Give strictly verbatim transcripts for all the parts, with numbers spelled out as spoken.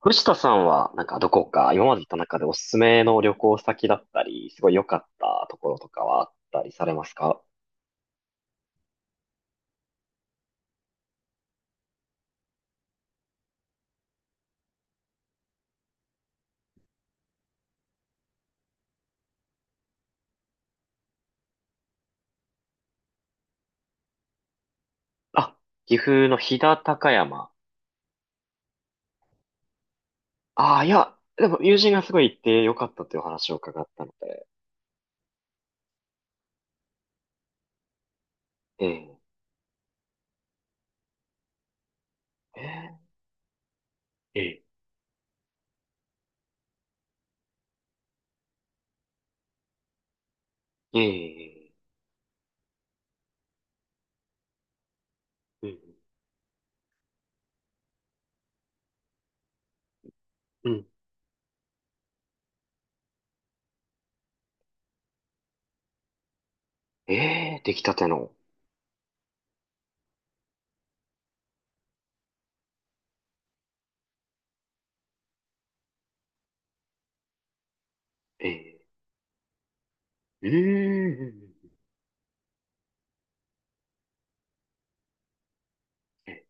藤田さんは、なんかどこか、今まで行った中でおすすめの旅行先だったり、すごい良かったところとかはあったりされますか？あ、岐阜の飛騨高山。ああ、いや、でも友人がすごい行って良かったというお話を伺ったので。ええええええええ。うんうん。ええ、出来たての。ええ。うんうんうん。ええ。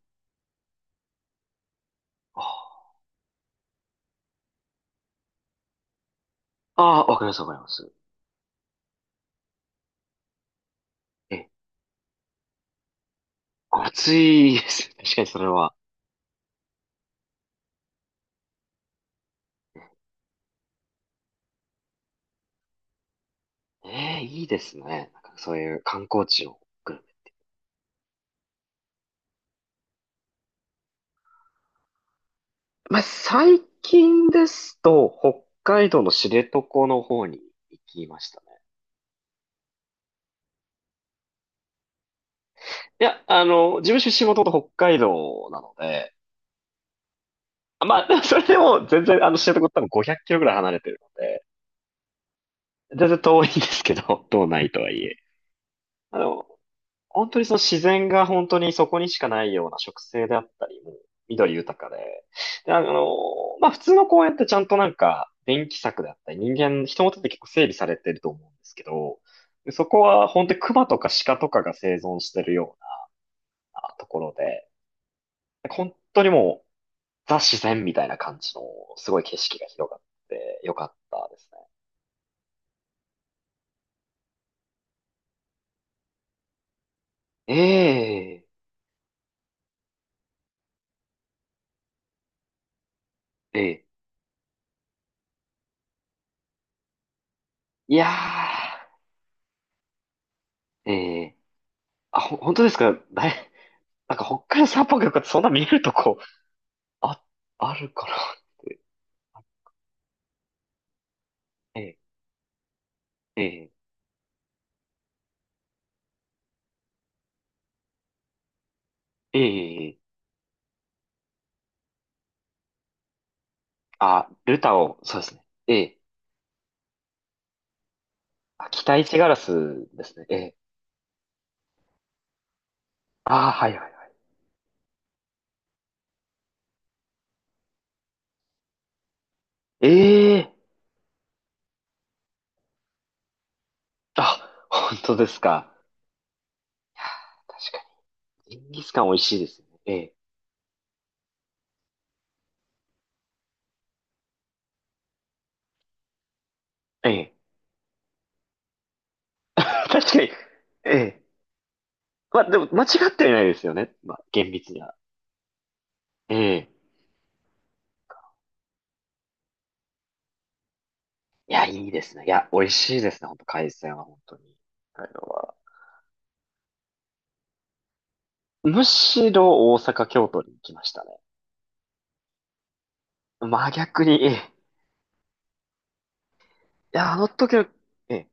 ああ、ああ、わかりますわかります。ええ、暑いです。確かにそれは。ええ、いいですね。なんかそういう観光地を、グルメ。まあ、最近ですと、北海道の知床の方に行きましたね。いや、あの、自分出身もともと北海道なので、まあ、それでも全然、あの、知床って多分ごひゃくキロぐらい離れてるので、全然遠いんですけど、道内とはいえ。あの、本当にその自然が本当にそこにしかないような植生であったり、もう緑豊かで。で、あの、まあ普通の公園ってちゃんとなんか電気柵であったり、人間、人の手で結構整備されてると思うんですけど、そこは本当に熊とか鹿とかが生存してるようなところで、本当にもうザ自然みたいな感じのすごい景色が広がってよかったですね。ええ、ええ、いやー、ええ、あ、ほ、本当ですか、だいなんか北海道札幌とかそんな見るとこ、あ、あるかなって。ええ、ええ、ええ、あ、ルタオ、そうですね。ええ、あ、北一ガラスですね。ええ、ああ、はいはいはい。ええ、あ、本当ですか。いやー、確かに。ジンギスカン美味しいですよね。ええ、ええ、確かに。ええ、まあでも間違ってはいないですよね。まあ厳密には。ええ、いや、いいですね。いや、美味しいですね。本当海鮮は本当に。あれは。むしろ大阪、京都に行きましたね。真逆に、ええ。いや、あの時の、ええ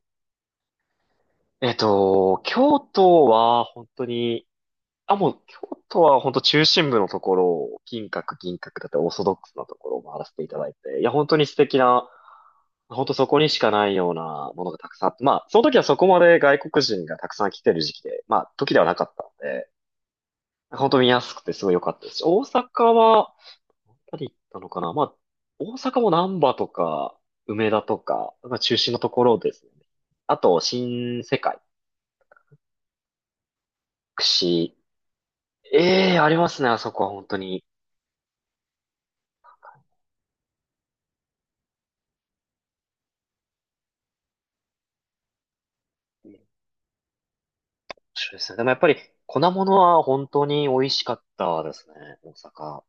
えっと、京都は本当に、あ、もう、京都は本当中心部のところを、金閣、銀閣だったりオーソドックスなところを回らせていただいて、いや、本当に素敵な、本当そこにしかないようなものがたくさんあって、まあ、その時はそこまで外国人がたくさん来てる時期で、まあ、時ではなかったので、本当見やすくてすごい良かったですし、大阪は、パリ行ったのかな、まあ、大阪も難波とか、梅田とか、まあ、中心のところですね。あと、新世界、串。ええー、ありますね、あそこは本当に。面白いですね。でもやっぱり、粉物は本当に美味しかったですね、大阪。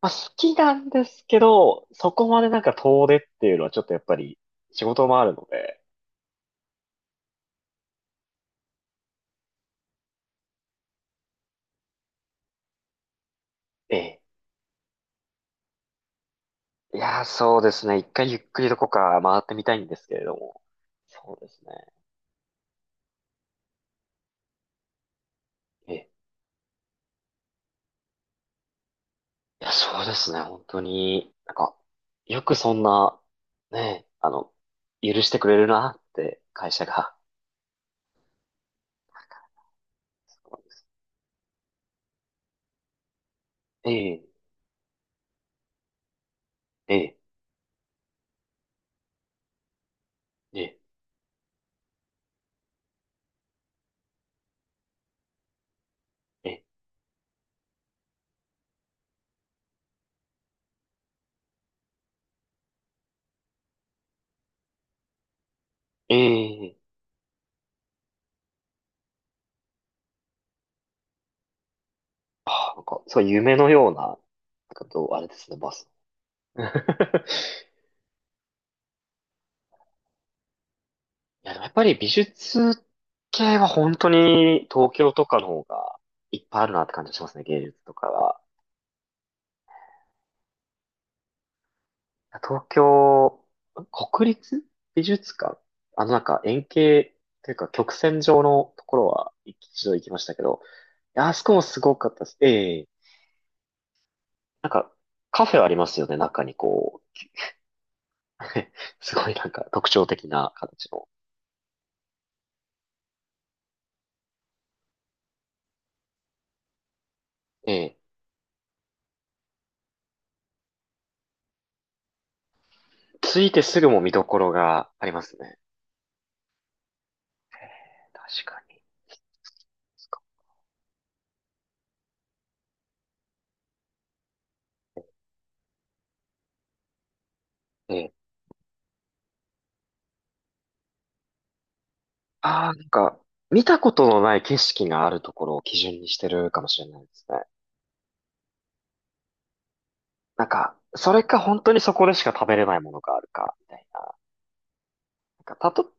まあ、好きなんですけど、そこまでなんか遠出っていうのはちょっとやっぱり、仕事もあるので、ええ。いやー、そうですね。いっかいゆっくりどこか回ってみたいんですけれども。そうですね。ええ。いや、そうですね、本当に、なんか、よくそんな、ね、あの、許してくれるなって、会社が。ええ、ええ、ええ、ええ、ええ、ああ、なんか、そう、夢のような、なんかどう、あれですね、バス。いや、でもやっぱり美術系は本当に東京とかの方がいっぱいあるなって感じがしますね、芸術とかは。東京、国立美術館、あのなんか円形というか曲線状のところはいちど行きましたけど、いや、あそこもすごかったです。ええ、なんかカフェありますよね、中にこう。すごいなんか特徴的な形の。ええ、着いてすぐも見どころがありますね。ええ、確かに。ええ、ああ、なんか、見たことのない景色があるところを基準にしてるかもしれないですね。なんか、それか本当にそこでしか食べれないものがあるか、みたいな。なんか、たと、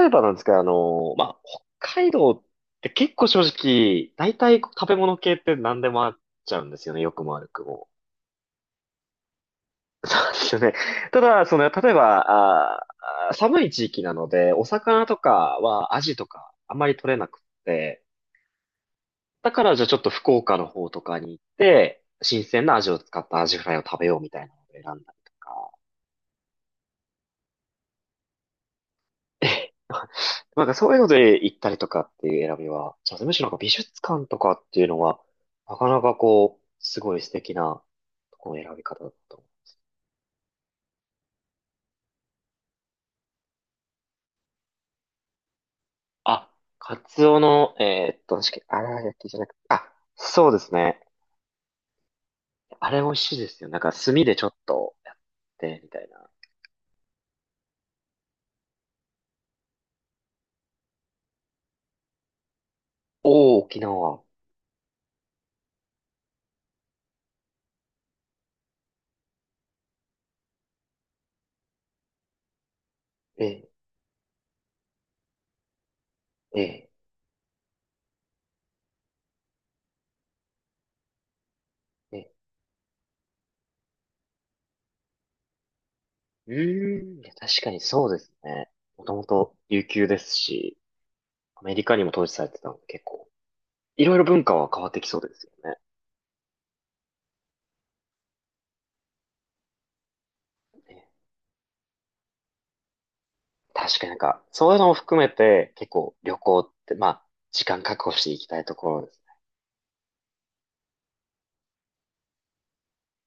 例えばなんですけど、あの、まあ、北海道って結構正直、大体食べ物系って何でもあっちゃうんですよね、良くも悪くも。そうですよね。ただ、その、例えば、あー、あー寒い地域なので、お魚とかはアジとかあんまり取れなくって、だからじゃあちょっと福岡の方とかに行って、新鮮なアジを使ったアジフライを食べようみたいなのを選んだりとか。え、なんかそういうので行ったりとかっていう選びは、じゃあむしろなんか美術館とかっていうのは、なかなかこう、すごい素敵なとこの選び方だと思う。あ、カツオの、えーっと、確かに、あら焼きじゃなくて、あ、そうですね。あれ美味しいですよ。なんか炭でちょっとやって、みたいな。おー、沖縄。ええ、ええ、ええ。うーん、いや確かにそうですね。もともと琉球ですし、アメリカにも統治されてたので結構いろいろ文化は変わってきそうですよね。え、確かになんか、そういうのも含めて、結構旅行って、まあ、時間確保していきたいところです。